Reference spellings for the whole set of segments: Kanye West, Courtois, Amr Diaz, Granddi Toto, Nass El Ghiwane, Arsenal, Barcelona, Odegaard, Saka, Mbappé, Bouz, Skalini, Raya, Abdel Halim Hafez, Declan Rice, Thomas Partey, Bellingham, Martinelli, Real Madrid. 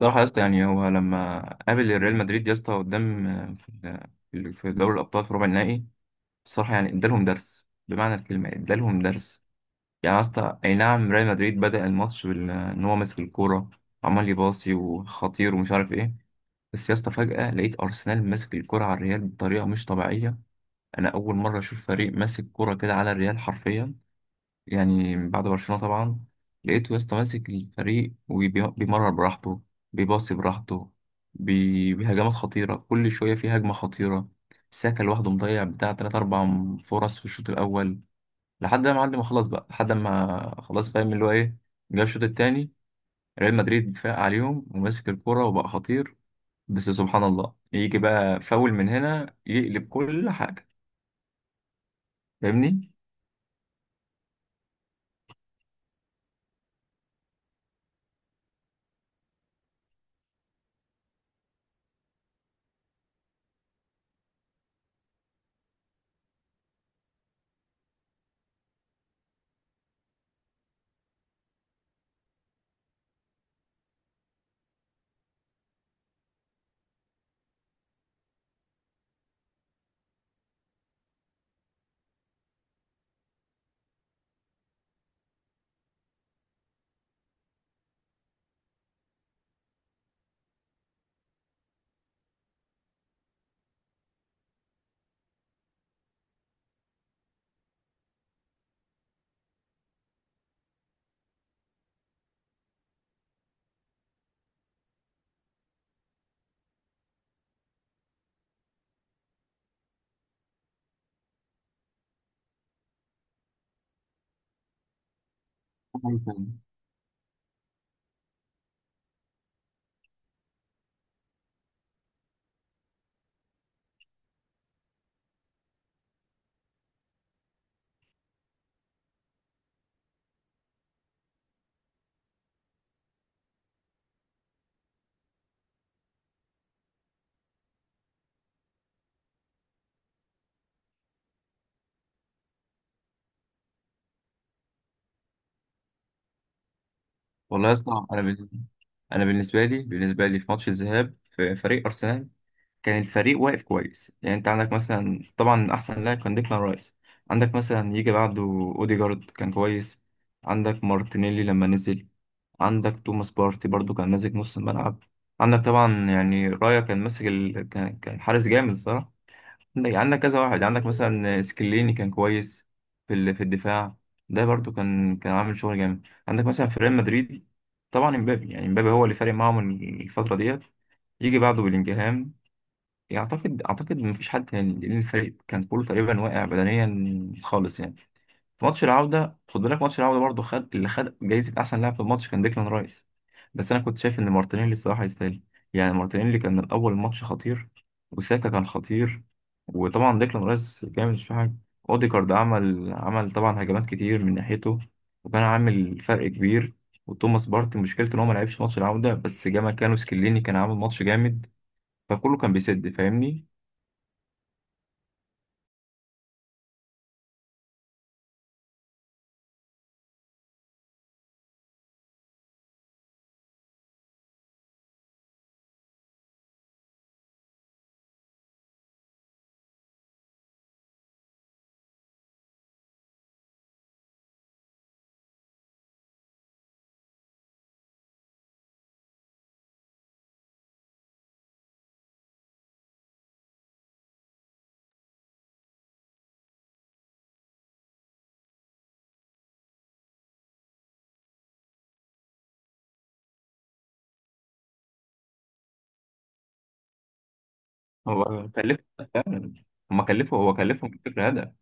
صراحة يا اسطى، يعني هو لما قابل الريال مدريد يا اسطى قدام، في دوري الأبطال في ربع النهائي. الصراحة يعني ادالهم درس بمعنى الكلمة، ادالهم درس. يعني يا اسطى، أي نعم، ريال مدريد بدأ الماتش إن هو ماسك الكورة، وعمال يباصي وخطير ومش عارف إيه. بس يا اسطى فجأة لقيت أرسنال ماسك الكورة على الريال بطريقة مش طبيعية. أنا أول مرة أشوف فريق ماسك كورة كده على الريال حرفيا، يعني بعد برشلونة طبعا. لقيته يا اسطى ماسك الفريق وبيمرر براحته، بيباصي براحته بهجمات خطيرة، كل شوية في هجمة خطيرة. ساكا لوحده مضيع بتاع تلات أربع فرص في الشوط الأول، لحد ما معلم خلاص بقى، لحد ما خلاص فاهم اللي هو إيه. جه الشوط التاني، ريال مدريد فاق عليهم وماسك الكرة وبقى خطير، بس سبحان الله يجي بقى فاول من هنا يقلب كل حاجة. فاهمني؟ والله يا اسطى، انا بالنسبه لي في ماتش الذهاب في فريق ارسنال، كان الفريق واقف كويس. يعني انت عندك مثلا، طبعا احسن لاعب كان ديكلان رايس. عندك مثلا يجي بعده اوديجارد، كان كويس. عندك مارتينيلي لما نزل. عندك توماس بارتي برضو، كان ماسك نص الملعب. عندك طبعا يعني رايا، كان ماسك ال... كان كان حارس جامد الصراحه. عندك كذا واحد. عندك مثلا سكليني كان كويس في الدفاع. ده برضو كان عامل شغل جامد. عندك مثلا في ريال مدريد، طبعا امبابي، يعني امبابي هو اللي فارق معاهم الفترة ديت. يجي بعده بلينجهام. اعتقد مفيش حد تاني، لان الفريق كان كله تقريبا واقع بدنيا خالص يعني. في ماتش العودة خد بالك، ماتش العودة برضه، خد اللي خد جايزة أحسن لاعب في الماتش كان ديكلان رايس. بس أنا كنت شايف إن مارتينيلي الصراحة يستاهل، يعني مارتينيلي كان من أول ماتش خطير. وساكا كان خطير. وطبعا ديكلان رايس جامد مش في حاجة. أوديجارد عمل طبعا هجمات كتير من ناحيته، وكان عامل فرق كبير. وتوماس بارتي مشكلته إن هو ما لعبش ماتش العودة، بس جه مكانه سكليني كان عامل ماتش جامد. فكله كان بيسد. فاهمني؟ هو كلفه فعلا. هما كلفه، هو كلفهم الفكرة هدف،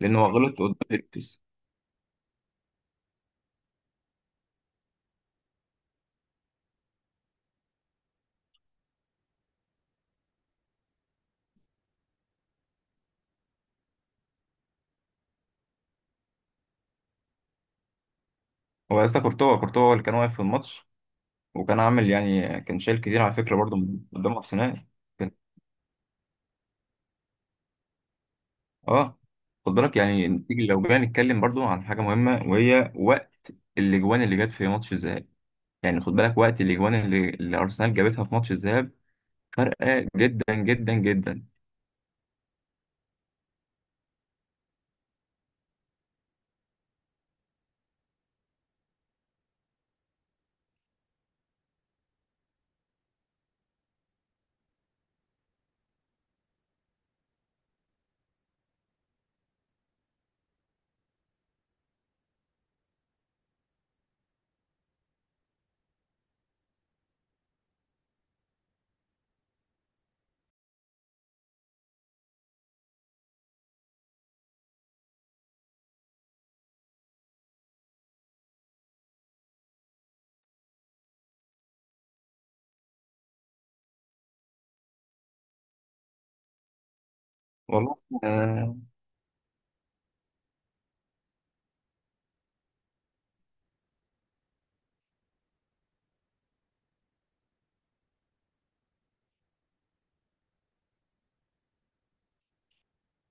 لأن هو غلط قدام. هو يا اسطى كورتوا، كورتوا هو اللي كان واقف في الماتش، وكان عامل يعني كان شايل كتير على فكره برضه من قدام ارسنال. كان، اه خد بالك، يعني نيجي لو جينا نتكلم برضه عن حاجه مهمه، وهي وقت الاجوان اللي جت في ماتش الذهاب. يعني خد بالك وقت الاجوان اللي ارسنال جابتها في ماتش الذهاب، فرقه جدا جدا جدا. والله آه،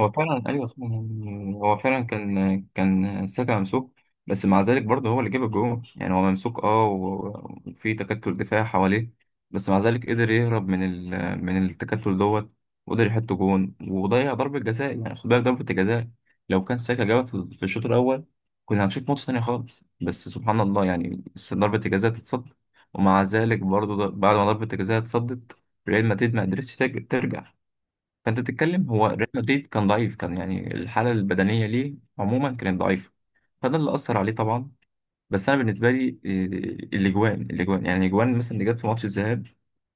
هو فعلا ايوه طبعا، يعني هو فعلا كان ساكا ممسوك. بس مع ذلك برضه هو اللي جاب الجول، يعني هو ممسوك، وفي تكتل دفاع حواليه. بس مع ذلك قدر يهرب من التكتل دوت، وقدر يحط جون وضيع ضربة جزاء. يعني خد بالك ضربة الجزاء، لو كان ساكا جابها في الشوط الأول، كنا هنشوف ماتش تاني خالص. بس سبحان الله يعني، بس ضربة الجزاء تتصد. ومع ذلك برضه بعد ما ضربة الجزاء اتصدت، ريال مدريد ما قدرتش ترجع. فانت بتتكلم، هو ريال مدريد كان ضعيف، كان يعني الحاله البدنيه ليه عموما كانت ضعيفه، فده اللي اثر عليه طبعا. بس انا بالنسبه لي الاجوان، يعني الاجوان مثلا اللي جت في ماتش الذهاب،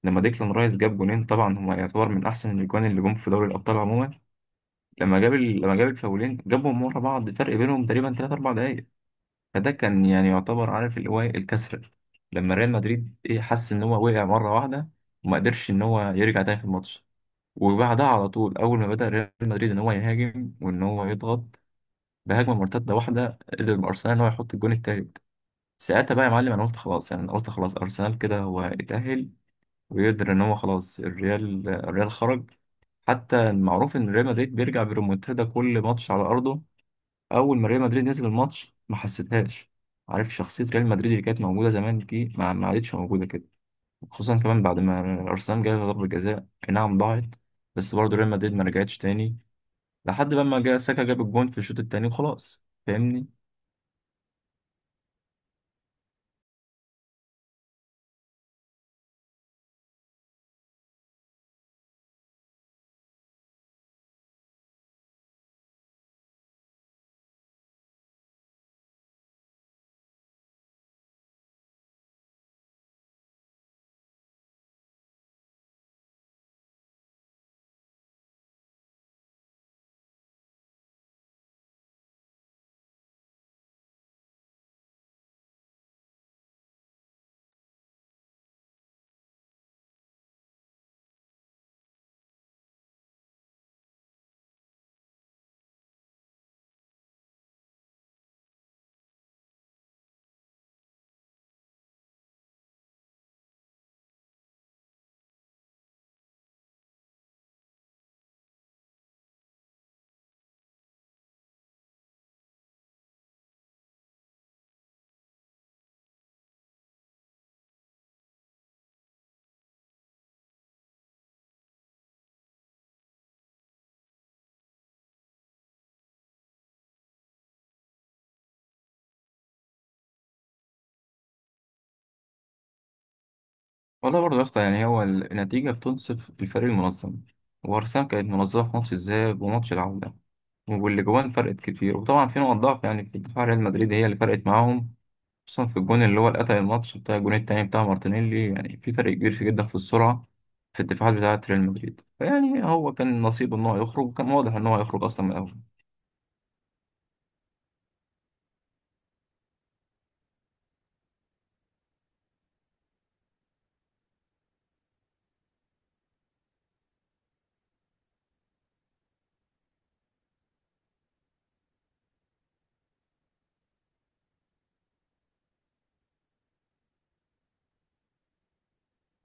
لما ديكلان رايس جاب جونين، طبعا هو يعتبر من احسن الاجوان اللي جم في دوري الابطال عموما. لما جاب الفاولين، جابهم ورا بعض، فرق بينهم تقريبا 3 4 دقائق. فده كان يعني يعتبر، عارف اللي هو إيه، الكسر. لما ريال مدريد ايه حس ان هو وقع مره واحده، وما قدرش ان هو يرجع تاني في الماتش. وبعدها على طول، اول ما بدأ ريال مدريد ان هو يهاجم وان هو يضغط، بهجمه مرتده واحده قدر ارسنال ان هو يحط الجون التالت. ساعتها بقى يا معلم، انا قلت خلاص، يعني انا قلت خلاص ارسنال كده هو اتأهل، ويقدر ان هو خلاص الريال خرج. حتى المعروف ان ريال مدريد بيرجع بريمونتادا كل ماتش على ارضه. اول ما ريال مدريد نزل الماتش ما حسيتهاش. عارف شخصيه ريال مدريد اللي كانت موجوده زمان دي ما عادتش موجوده كده، خصوصا كمان بعد ما ارسنال جاب ضربه جزاء أي نعم ضاعت. بس برضه ريال مدريد ما رجعتش تاني، لحد لما جه ساكا جاب الجون في الشوط التاني وخلاص. فاهمني؟ والله برضه يا اسطى، يعني هو النتيجة بتنصف الفريق المنظم، وأرسنال كانت منظمة في ماتش الذهاب وماتش العودة، واللي جوان فرقت كتير. وطبعا في نقط ضعف يعني في دفاع ريال مدريد هي اللي فرقت معاهم، خصوصا في الجون اللي هو اللي قتل الماتش بتاع الجون التاني بتاع مارتينيلي. يعني في فرق كبير في جدا في السرعة في الدفاعات بتاعة ريال مدريد. فيعني هو كان نصيبه إن هو يخرج، وكان واضح إن هو هيخرج أصلا من الأول.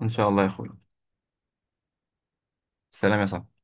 إن شاء الله يا أخوي. سلام يا صاحبي.